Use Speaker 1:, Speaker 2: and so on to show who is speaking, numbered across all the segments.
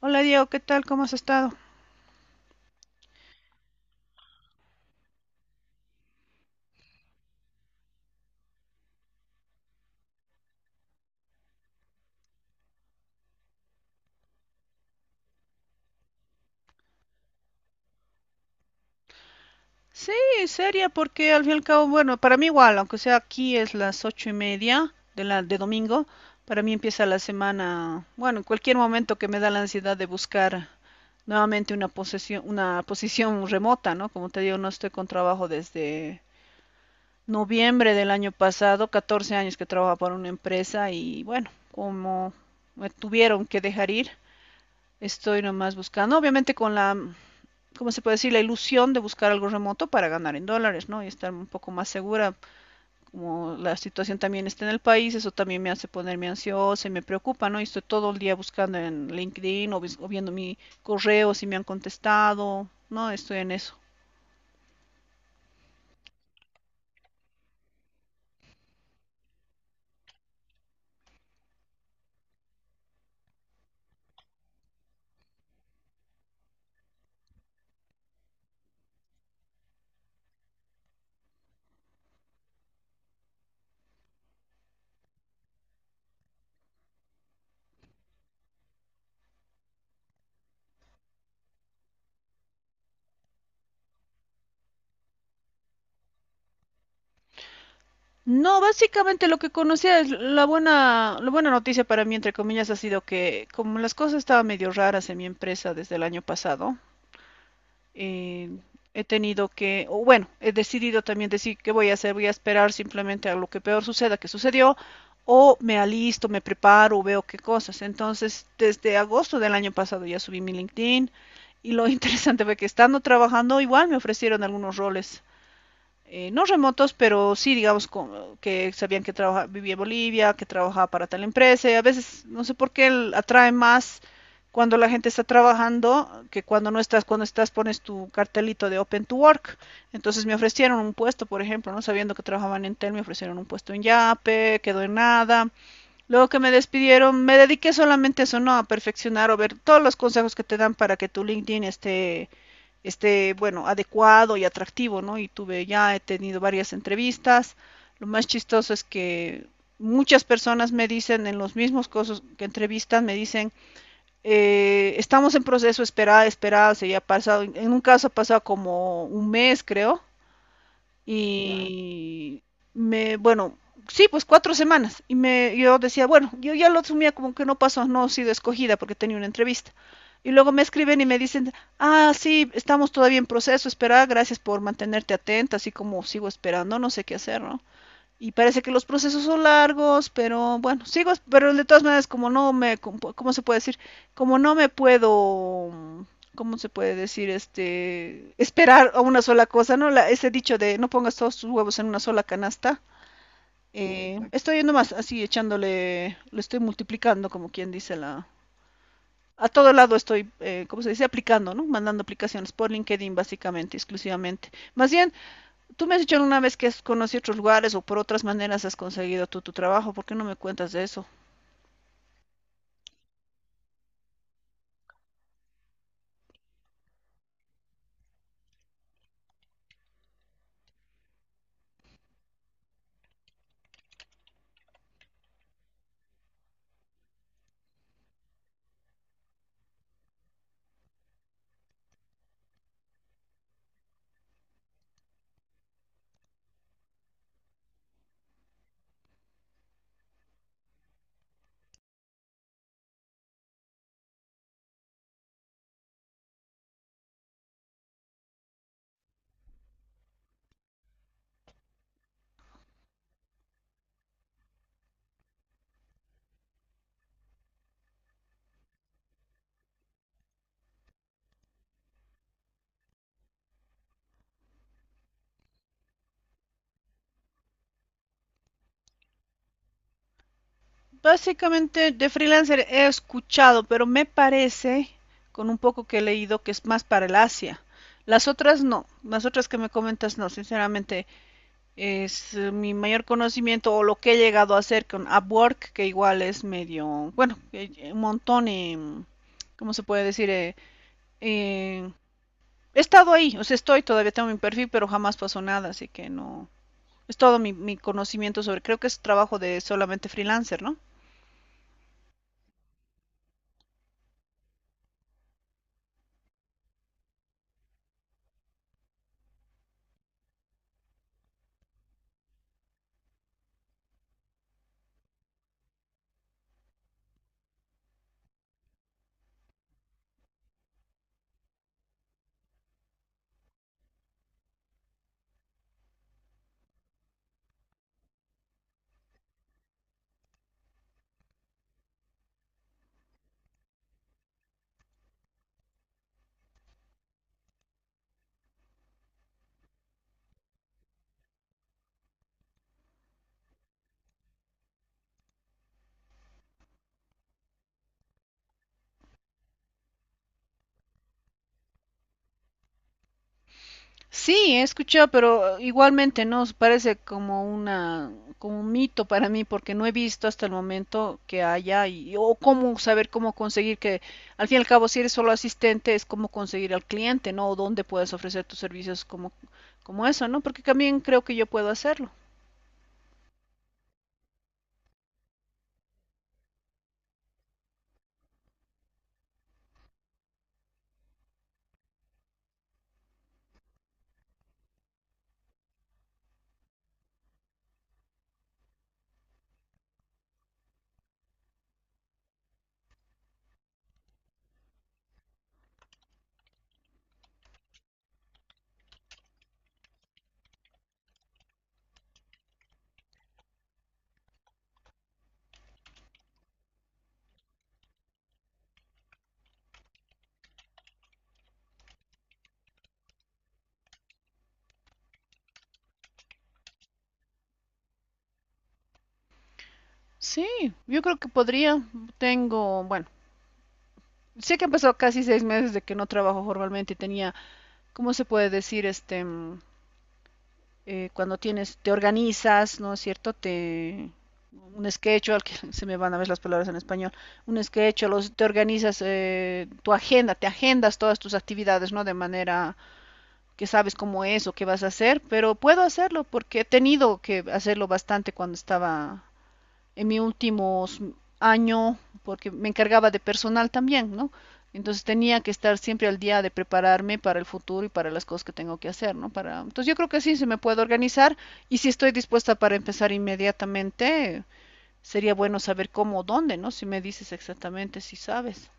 Speaker 1: Hola Diego, ¿qué tal? ¿Cómo has estado? Sí, seria, porque al fin y al cabo, bueno, para mí igual, aunque sea aquí es las ocho y media de domingo, para mí empieza la semana, bueno, en cualquier momento que me da la ansiedad de buscar nuevamente una posición remota, ¿no? Como te digo, no estoy con trabajo desde noviembre del año pasado, 14 años que trabajo para una empresa y bueno, como me tuvieron que dejar ir, estoy nomás buscando, obviamente con la, como se puede decir?, la ilusión de buscar algo remoto para ganar en dólares, ¿no? Y estar un poco más segura, como la situación también está en el país, eso también me hace ponerme ansiosa y me preocupa, ¿no? Y estoy todo el día buscando en LinkedIn o viendo mi correo si me han contestado, ¿no? Estoy en eso. No, básicamente lo que conocía es la buena noticia para mí, entre comillas, ha sido que como las cosas estaban medio raras en mi empresa desde el año pasado, eh, he tenido que, o bueno, he decidido también decir qué voy a hacer, voy a esperar simplemente a lo que peor suceda que sucedió, o me alisto, me preparo, veo qué cosas. Entonces, desde agosto del año pasado ya subí mi LinkedIn y lo interesante fue que estando trabajando igual me ofrecieron algunos roles, no remotos, pero sí, digamos, que sabían que vivía en Bolivia, que trabajaba para tal empresa. Y a veces, no sé por qué, atrae más cuando la gente está trabajando que cuando no estás. Cuando estás, pones tu cartelito de Open to Work. Entonces me ofrecieron un puesto, por ejemplo, no sabiendo que trabajaban en Tel, me ofrecieron un puesto en Yape, quedó en nada. Luego que me despidieron, me dediqué solamente a eso, ¿no? A perfeccionar o ver todos los consejos que te dan para que tu LinkedIn esté, bueno, adecuado y atractivo, ¿no? Y ya he tenido varias entrevistas. Lo más chistoso es que muchas personas me dicen en los mismos cosas que entrevistan, me dicen, estamos en proceso, esperada, esperada, se ya ha pasado, en un caso ha pasado como un mes, creo, y bueno, sí, pues cuatro semanas. Y yo decía, bueno, yo ya lo asumía como que no pasó, no he sido escogida porque tenía una entrevista. Y luego me escriben y me dicen, ah, sí, estamos todavía en proceso, espera, gracias por mantenerte atenta, así como sigo esperando, no sé qué hacer, ¿no? Y parece que los procesos son largos, pero bueno, sigo, pero de todas maneras, como no me, como, ¿cómo se puede decir? Como no me puedo, ¿cómo se puede decir? Esperar a una sola cosa, ¿no? Ese dicho de no pongas todos tus huevos en una sola canasta. Estoy yendo más así, echándole, le estoy multiplicando, como quien dice la... A todo lado estoy, ¿cómo se dice? Aplicando, ¿no? Mandando aplicaciones por LinkedIn, básicamente, exclusivamente. Más bien, tú me has dicho una vez que has conocido otros lugares o por otras maneras has conseguido tú tu trabajo. ¿Por qué no me cuentas de eso? Básicamente de freelancer he escuchado, pero me parece, con un poco que he leído, que es más para el Asia. Las otras no, las otras que me comentas no, sinceramente es mi mayor conocimiento o lo que he llegado a hacer con Upwork, que igual es medio, bueno, un montón, ¿cómo se puede decir? Eh, he estado ahí, o sea, estoy, todavía tengo mi perfil, pero jamás pasó nada, así que no, es todo mi conocimiento sobre, creo que es trabajo de solamente freelancer, ¿no? Sí, he escuchado, pero igualmente no parece como una como un mito para mí porque no he visto hasta el momento que haya y o cómo saber cómo conseguir que al fin y al cabo si eres solo asistente es cómo conseguir al cliente, ¿no? O dónde puedes ofrecer tus servicios como eso, ¿no? Porque también creo que yo puedo hacerlo. Sí, yo creo que podría. Tengo, bueno, sé que han pasado casi seis meses de que no trabajo formalmente y tenía, ¿cómo se puede decir? Cuando tienes, te organizas, ¿no es cierto? Un sketch, al que se me van a ver las palabras en español, un sketch, te organizas tu agenda, te agendas todas tus actividades, ¿no? De manera que sabes cómo es o qué vas a hacer, pero puedo hacerlo porque he tenido que hacerlo bastante cuando estaba en mi últimos año, porque me encargaba de personal también, ¿no? Entonces tenía que estar siempre al día de prepararme para el futuro y para las cosas que tengo que hacer, ¿no? Entonces yo creo que sí, se me puede organizar y si estoy dispuesta para empezar inmediatamente, sería bueno saber cómo o dónde, ¿no? Si me dices exactamente si sabes.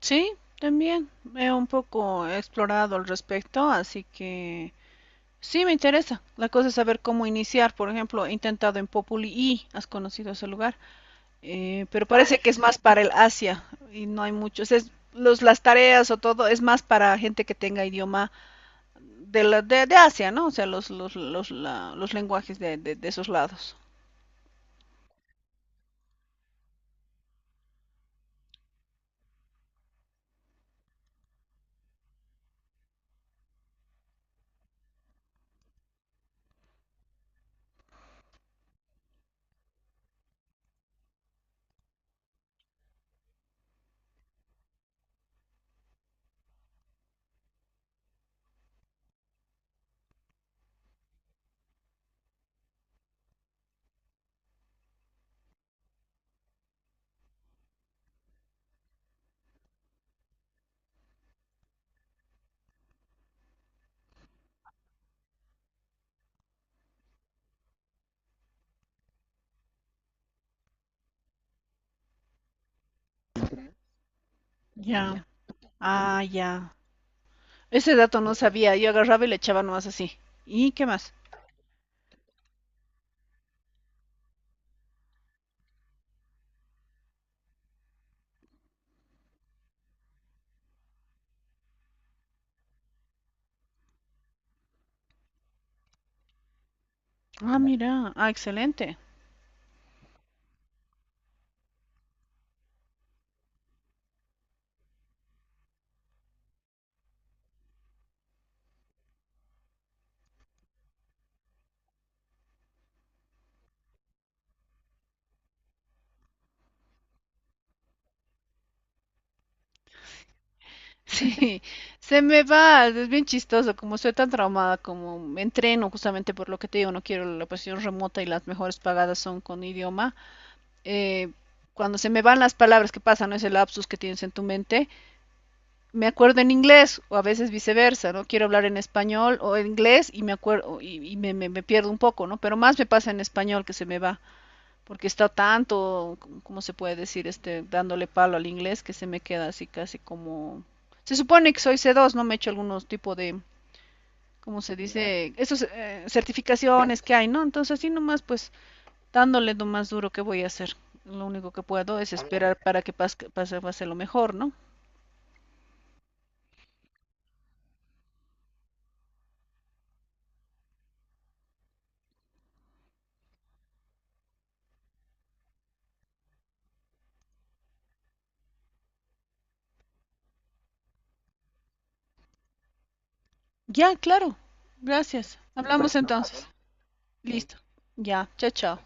Speaker 1: Sí, también he un poco explorado al respecto, así que sí me interesa. La cosa es saber cómo iniciar. Por ejemplo, he intentado en Populi y has conocido ese lugar. Pero parece que es más para el Asia y no hay muchos. Las tareas o todo es más para gente que tenga idioma de Asia, ¿no? O sea, los lenguajes de esos lados. Ya. Ah, ya. Ese dato no sabía. Yo agarraba y le echaba nomás así. ¿Y qué más? Ah, mira. Ah, excelente. Sí, se me va. Es bien chistoso. Como soy tan traumada, como me entreno justamente por lo que te digo, no quiero la posición remota y las mejores pagadas son con idioma. eh, cuando se me van las palabras qué pasa, ¿no? Ese lapsus que tienes en tu mente, me acuerdo en inglés o a veces viceversa, ¿no? Quiero hablar en español o en inglés y me acuerdo y me pierdo un poco, ¿no? Pero más me pasa en español que se me va, porque está tanto, ¿cómo se puede decir? Dándole palo al inglés que se me queda así casi como... Se supone que soy C2, ¿no? Me he hecho algunos tipo de, ¿cómo se dice? Esas certificaciones que hay, ¿no? Entonces así nomás pues dándole lo más duro que voy a hacer. Lo único que puedo es esperar para que pase lo mejor, ¿no? Ya, claro. Gracias. Hablamos entonces. Listo. Ya. Chao, chao.